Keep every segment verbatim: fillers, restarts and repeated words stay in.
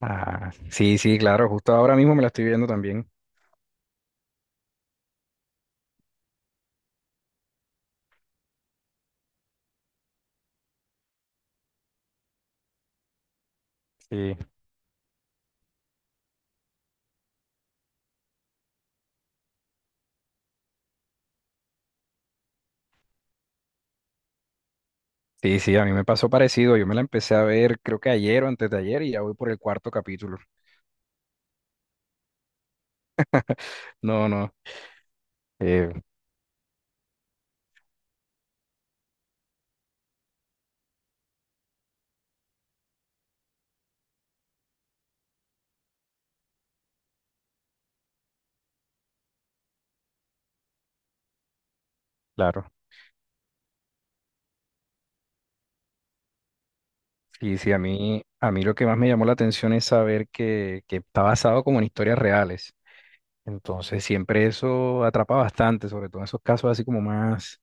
Ah, sí, sí, claro, justo ahora mismo me la estoy viendo también. Sí, sí, sí, a mí me pasó parecido. Yo me la empecé a ver creo que ayer o antes de ayer y ya voy por el cuarto capítulo. No, no, eh, claro. Sí, sí, a mí, a mí lo que más me llamó la atención es saber que, que está basado como en historias reales. Entonces siempre eso atrapa bastante, sobre todo en esos casos así como más,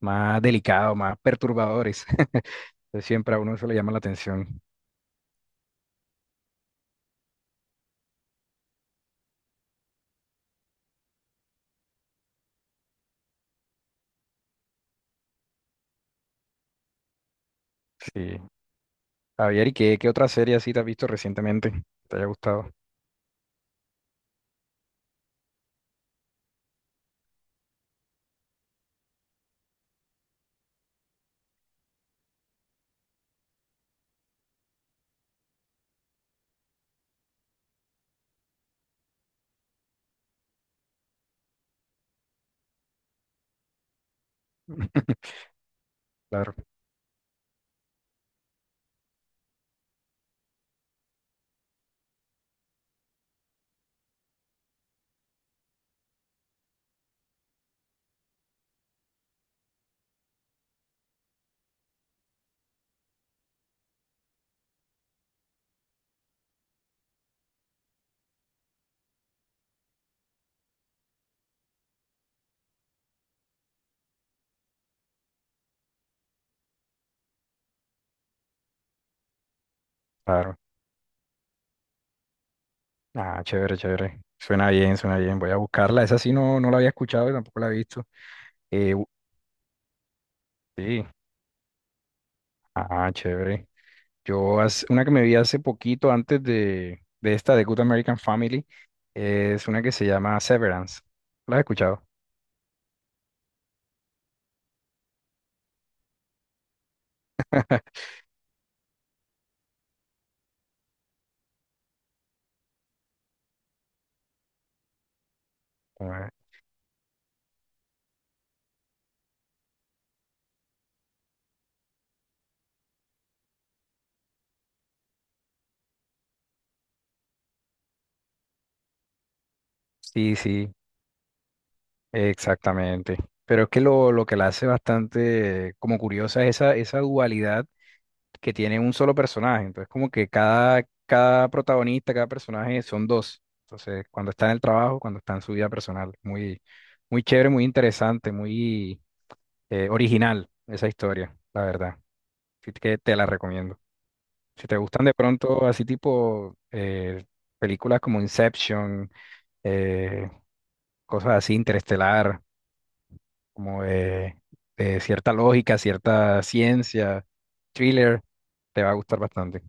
más delicados, más perturbadores. Entonces siempre a uno eso le llama la atención. Sí. Javier, ¿y qué, qué otra serie así te has visto recientemente? ¿Te haya gustado? Claro, claro. Ah, chévere, chévere. Suena bien, suena bien. Voy a buscarla. Esa sí no, no la había escuchado y tampoco la he visto. Eh, u- sí. Ah, chévere. Yo, hace- una que me vi hace poquito antes de, de esta, de Good American Family, es una que se llama Severance. ¿La has escuchado? Ah, sí, sí, exactamente. Pero es que lo, lo que la hace bastante eh, como curiosa es esa, esa dualidad que tiene un solo personaje. Entonces, como que cada, cada protagonista, cada personaje son dos. Entonces, cuando está en el trabajo, cuando está en su vida personal. Muy, muy chévere, muy interesante, muy eh, original esa historia, la verdad. Así que te la recomiendo. Si te gustan de pronto así tipo eh, películas como Inception, eh, cosas así, interestelar, como de, de cierta lógica, cierta ciencia, thriller, te va a gustar bastante.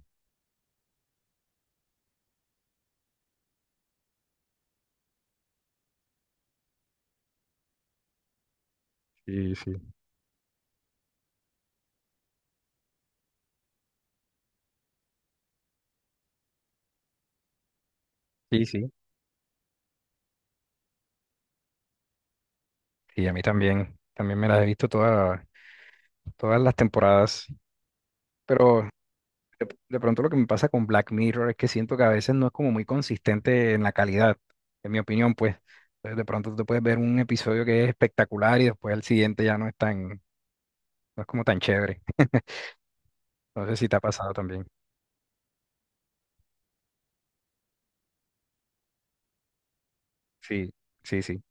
Sí, sí. Sí, sí. Y a mí también, también me las he visto todas, todas las temporadas. Pero de, de pronto lo que me pasa con Black Mirror es que siento que a veces no es como muy consistente en la calidad, en mi opinión, pues. Entonces, de pronto tú te puedes ver un episodio que es espectacular y después el siguiente ya no es tan, no es como tan chévere. No sé si te ha pasado también. Sí, sí, sí.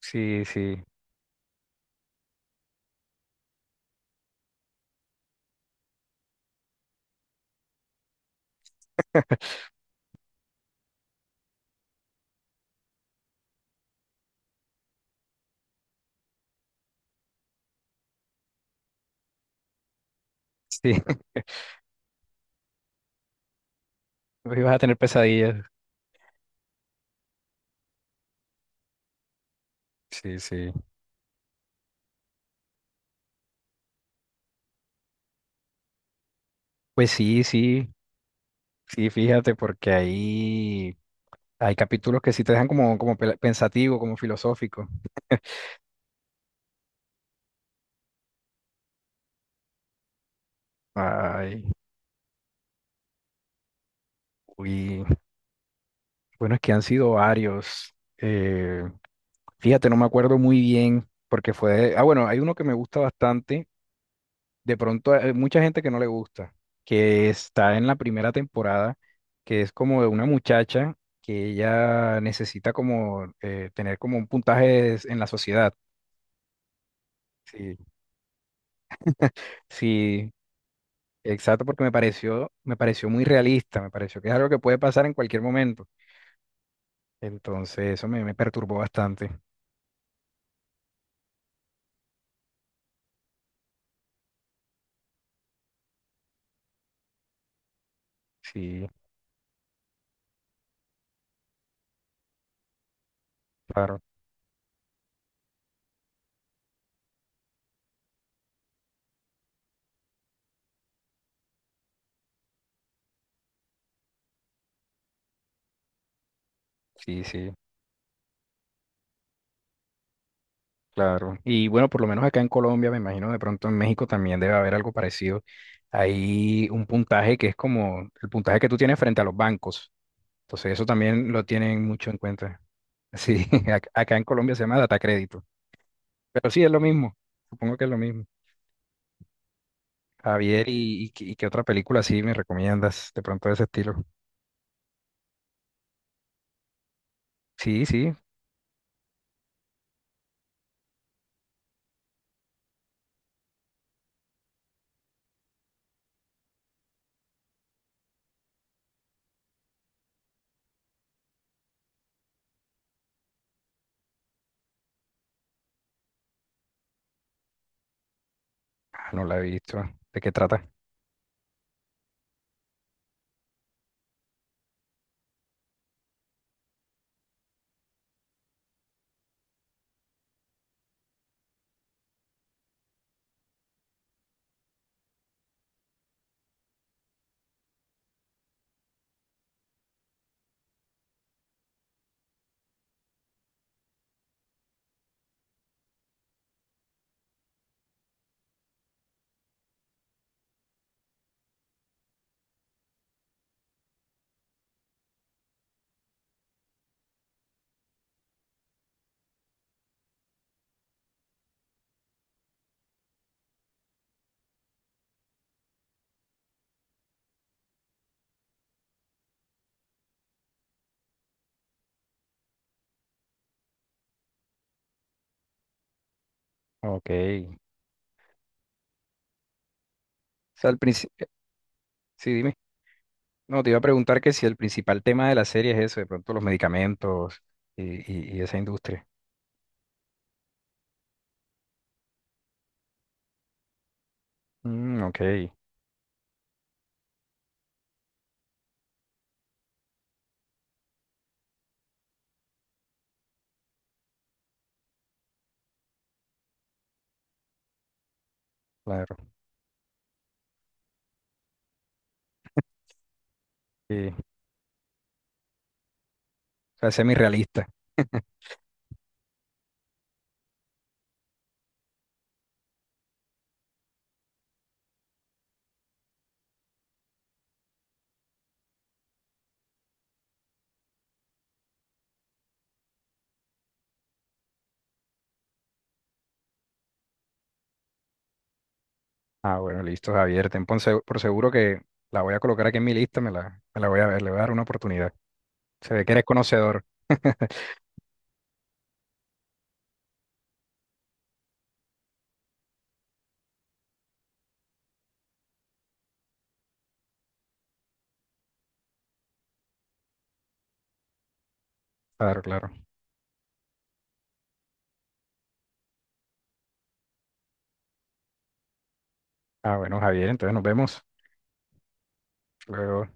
Sí, sí, sí. Hoy vas a tener pesadillas. Sí, sí. Pues sí, sí, sí, fíjate, porque ahí. Hay capítulos que sí te dejan como, como pe- pensativo, como filosófico. Ay, uy. Bueno, es que han sido varios. Eh, fíjate, no me acuerdo muy bien porque fue... Ah, bueno, hay uno que me gusta bastante. De pronto hay mucha gente que no le gusta, que está en la primera temporada, que es como de una muchacha que ella necesita como eh, tener como un puntaje en la sociedad. Sí, sí, exacto, porque me pareció, me pareció muy realista, me pareció que es algo que puede pasar en cualquier momento. Entonces, eso me, me perturbó bastante. Sí, claro, sí, sí, claro. Y bueno, por lo menos acá en Colombia, me imagino de pronto en México también debe haber algo parecido. Hay un puntaje que es como el puntaje que tú tienes frente a los bancos. Entonces, eso también lo tienen mucho en cuenta. Sí, ac- acá en Colombia se llama data crédito. Pero sí, es lo mismo. Supongo que es lo mismo. Javier, ¿y, y qué y qué otra película así me recomiendas de pronto de ese estilo? Sí, sí. Ah, no la he visto. ¿De qué trata? Ok. O sea, el princi- eh, Sí, dime. No, te iba a preguntar que si el principal tema de la serie es eso, de pronto los medicamentos y, y- y esa industria. Mm, ok, claro. Sí. O sea, semirrealista. Ah, bueno, listo, Javier. Ten por seg- por seguro que la voy a colocar aquí en mi lista, me la, me la voy a ver, le voy a dar una oportunidad. Se ve que eres conocedor. Claro, claro. Ah, bueno, Javier, entonces nos vemos luego.